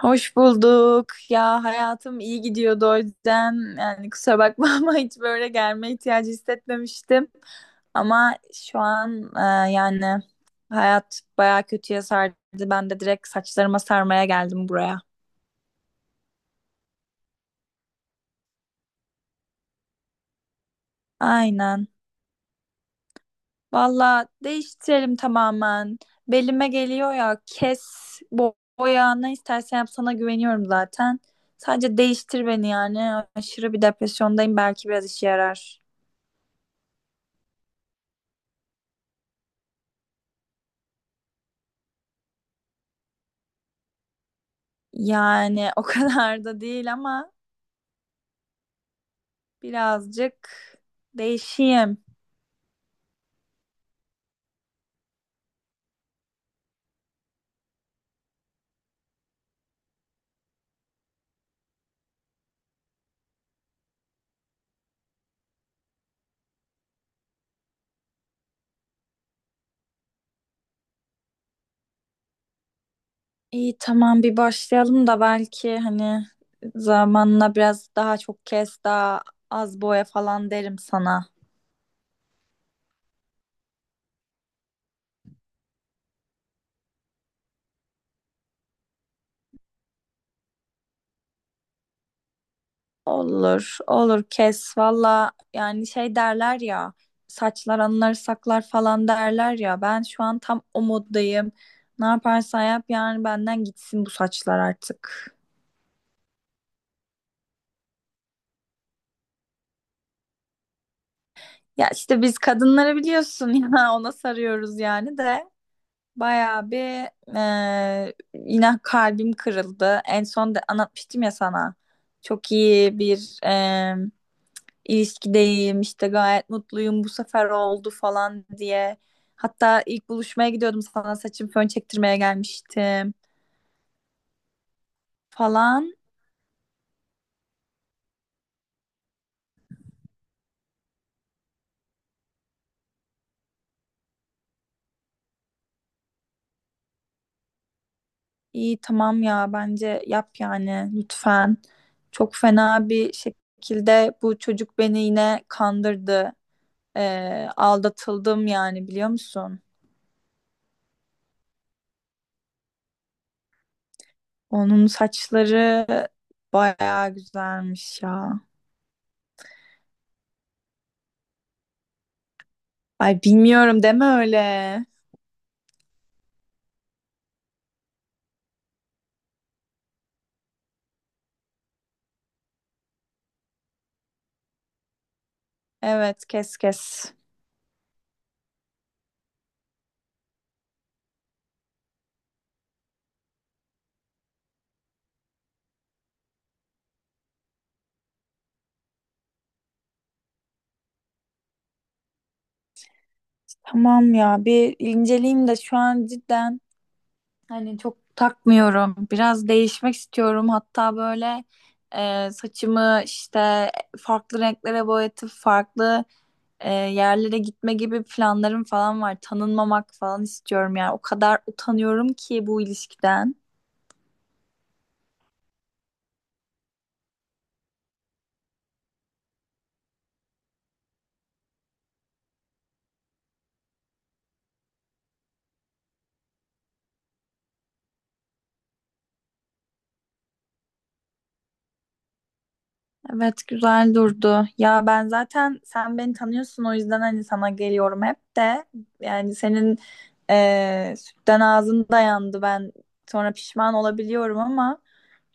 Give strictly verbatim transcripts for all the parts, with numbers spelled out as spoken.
Hoş bulduk. Ya hayatım iyi gidiyordu o yüzden yani kusura bakma ama hiç böyle gelme ihtiyacı hissetmemiştim. Ama şu an e, yani hayat bayağı kötüye sardı. Ben de direkt saçlarıma sarmaya geldim buraya. Aynen. Valla değiştirelim tamamen. Belime geliyor ya kes, bo- boya ne istersen yap, sana güveniyorum zaten. Sadece değiştir beni yani. Aşırı bir depresyondayım, belki biraz işe yarar. Yani o kadar da değil ama birazcık değişeyim. İyi tamam bir başlayalım da belki hani zamanla biraz daha çok kes daha az boya falan derim sana. Olur olur kes valla, yani şey derler ya, saçlar anıları saklar falan derler ya, ben şu an tam o moddayım. Ne yaparsan yap, yani benden gitsin bu saçlar artık. Ya işte biz kadınları biliyorsun ya, ona sarıyoruz yani de. Bayağı bir eee, yine kalbim kırıldı. En son da anlatmıştım ya sana. Çok iyi bir eee ilişkideyim işte, gayet mutluyum, bu sefer oldu falan diye. Hatta ilk buluşmaya gidiyordum, sana saçım fön çektirmeye gelmiştim falan. İyi tamam ya, bence yap yani lütfen. Çok fena bir şekilde bu çocuk beni yine kandırdı. Eee, aldatıldım yani, biliyor musun? Onun saçları bayağı güzelmiş ya. Ay bilmiyorum, deme öyle. Evet kes kes. Tamam ya bir inceleyeyim de şu an cidden hani çok takmıyorum. Biraz değişmek istiyorum. Hatta böyle e, saçımı işte farklı renklere boyatıp farklı e, yerlere gitme gibi planlarım falan var. Tanınmamak falan istiyorum yani. O kadar utanıyorum ki bu ilişkiden. Evet güzel durdu. Ya ben zaten sen beni tanıyorsun o yüzden hani sana geliyorum hep de. Yani senin eee sütten ağzın dayandı, ben sonra pişman olabiliyorum ama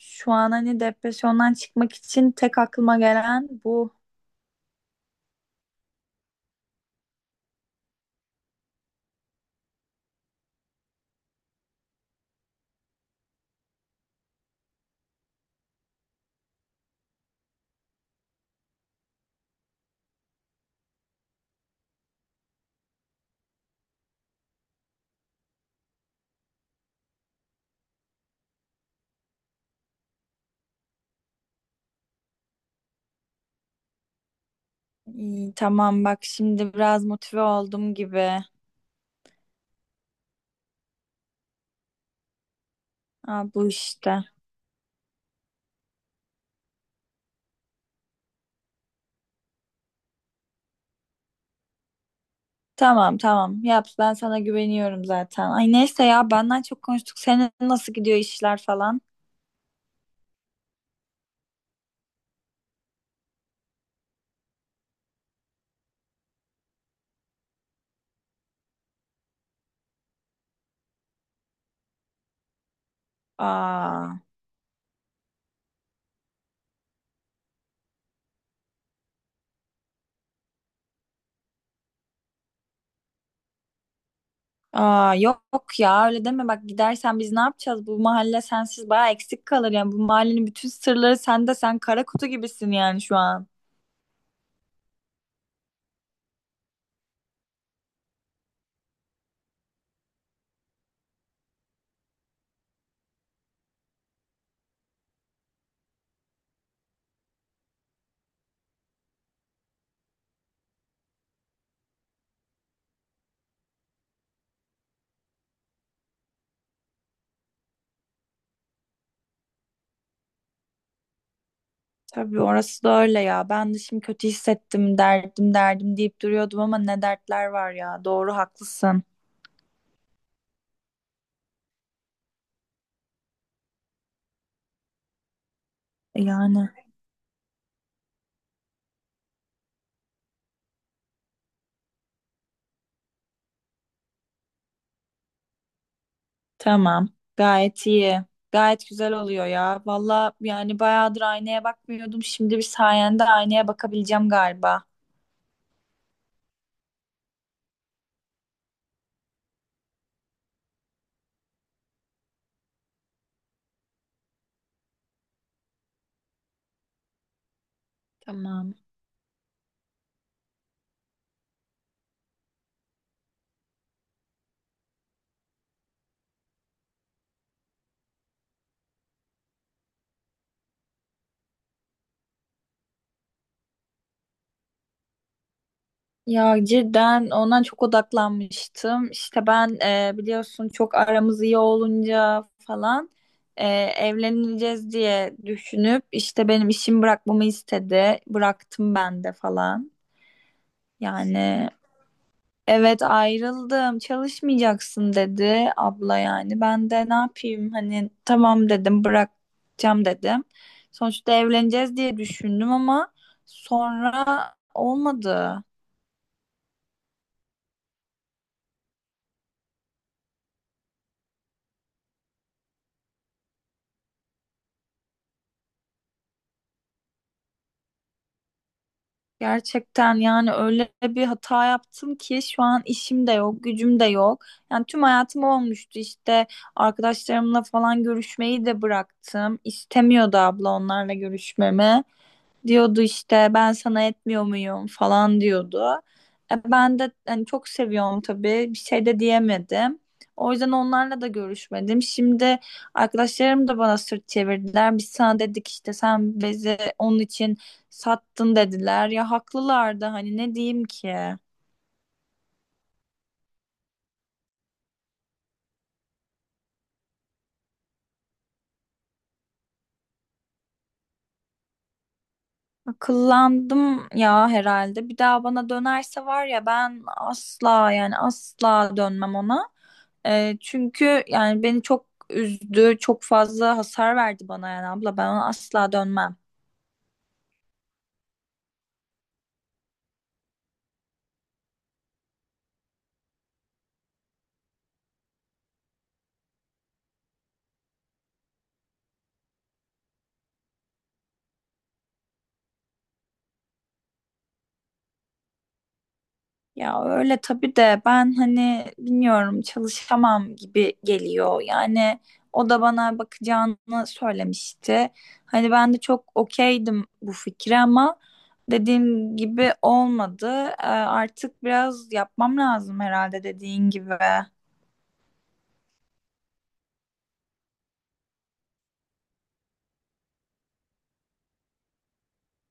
şu an hani depresyondan çıkmak için tek aklıma gelen bu. İyi, tamam, bak şimdi biraz motive oldum gibi. Ha, bu işte. Tamam tamam yap, ben sana güveniyorum zaten. Ay neyse ya, benden çok konuştuk. Senin nasıl gidiyor işler falan? Aa. Aa, yok ya öyle deme, bak gidersen biz ne yapacağız? Bu mahalle sensiz baya eksik kalır, yani bu mahallenin bütün sırları sende, sen kara kutu gibisin yani şu an. Tabii orası da öyle ya, ben de şimdi kötü hissettim, derdim derdim deyip duruyordum ama ne dertler var ya, doğru haklısın. Yani tamam, gayet iyi, gayet güzel oluyor ya valla, yani bayağıdır aynaya bakmıyordum, şimdi bir sayende aynaya bakabileceğim galiba. Tamam. Ya cidden ondan çok odaklanmıştım. İşte ben, e, biliyorsun çok aramız iyi olunca falan, e, evleneceğiz diye düşünüp işte benim işimi bırakmamı istedi. Bıraktım ben de falan. Yani evet, ayrıldım, çalışmayacaksın dedi abla yani. Ben de ne yapayım hani, tamam dedim, bırakacağım dedim. Sonuçta evleneceğiz diye düşündüm ama sonra olmadı. Gerçekten yani öyle bir hata yaptım ki şu an işim de yok, gücüm de yok. Yani tüm hayatım olmuştu işte, arkadaşlarımla falan görüşmeyi de bıraktım. İstemiyordu abla onlarla görüşmemi. Diyordu işte ben sana etmiyor muyum falan diyordu. E, ben de hani çok seviyorum tabii, bir şey de diyemedim. O yüzden onlarla da görüşmedim. Şimdi arkadaşlarım da bana sırt çevirdiler. Biz sana dedik işte, sen bizi onun için sattın, dediler. Ya haklılar da hani, ne diyeyim ki? Akıllandım ya herhalde. Bir daha bana dönerse var ya, ben asla, yani asla dönmem ona. Ee, çünkü yani beni çok üzdü, çok fazla hasar verdi bana yani abla. Ben ona asla dönmem. Ya öyle tabii de ben hani bilmiyorum, çalışamam gibi geliyor. Yani o da bana bakacağını söylemişti. Hani ben de çok okeydim bu fikre ama dediğim gibi olmadı. Ee, Artık biraz yapmam lazım herhalde dediğin gibi.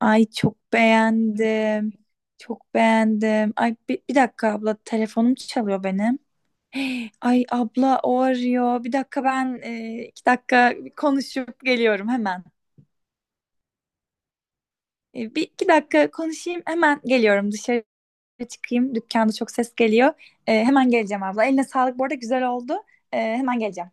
Ay çok beğendim. Çok beğendim. Ay bir, bir dakika abla, telefonum çalıyor benim. Ay abla o arıyor. Bir dakika ben, e, iki dakika konuşup geliyorum hemen. E, bir iki dakika konuşayım, hemen geliyorum. Dışarı çıkayım. Dükkanda çok ses geliyor. E, hemen geleceğim abla. Eline sağlık bu arada, güzel oldu. E, hemen geleceğim.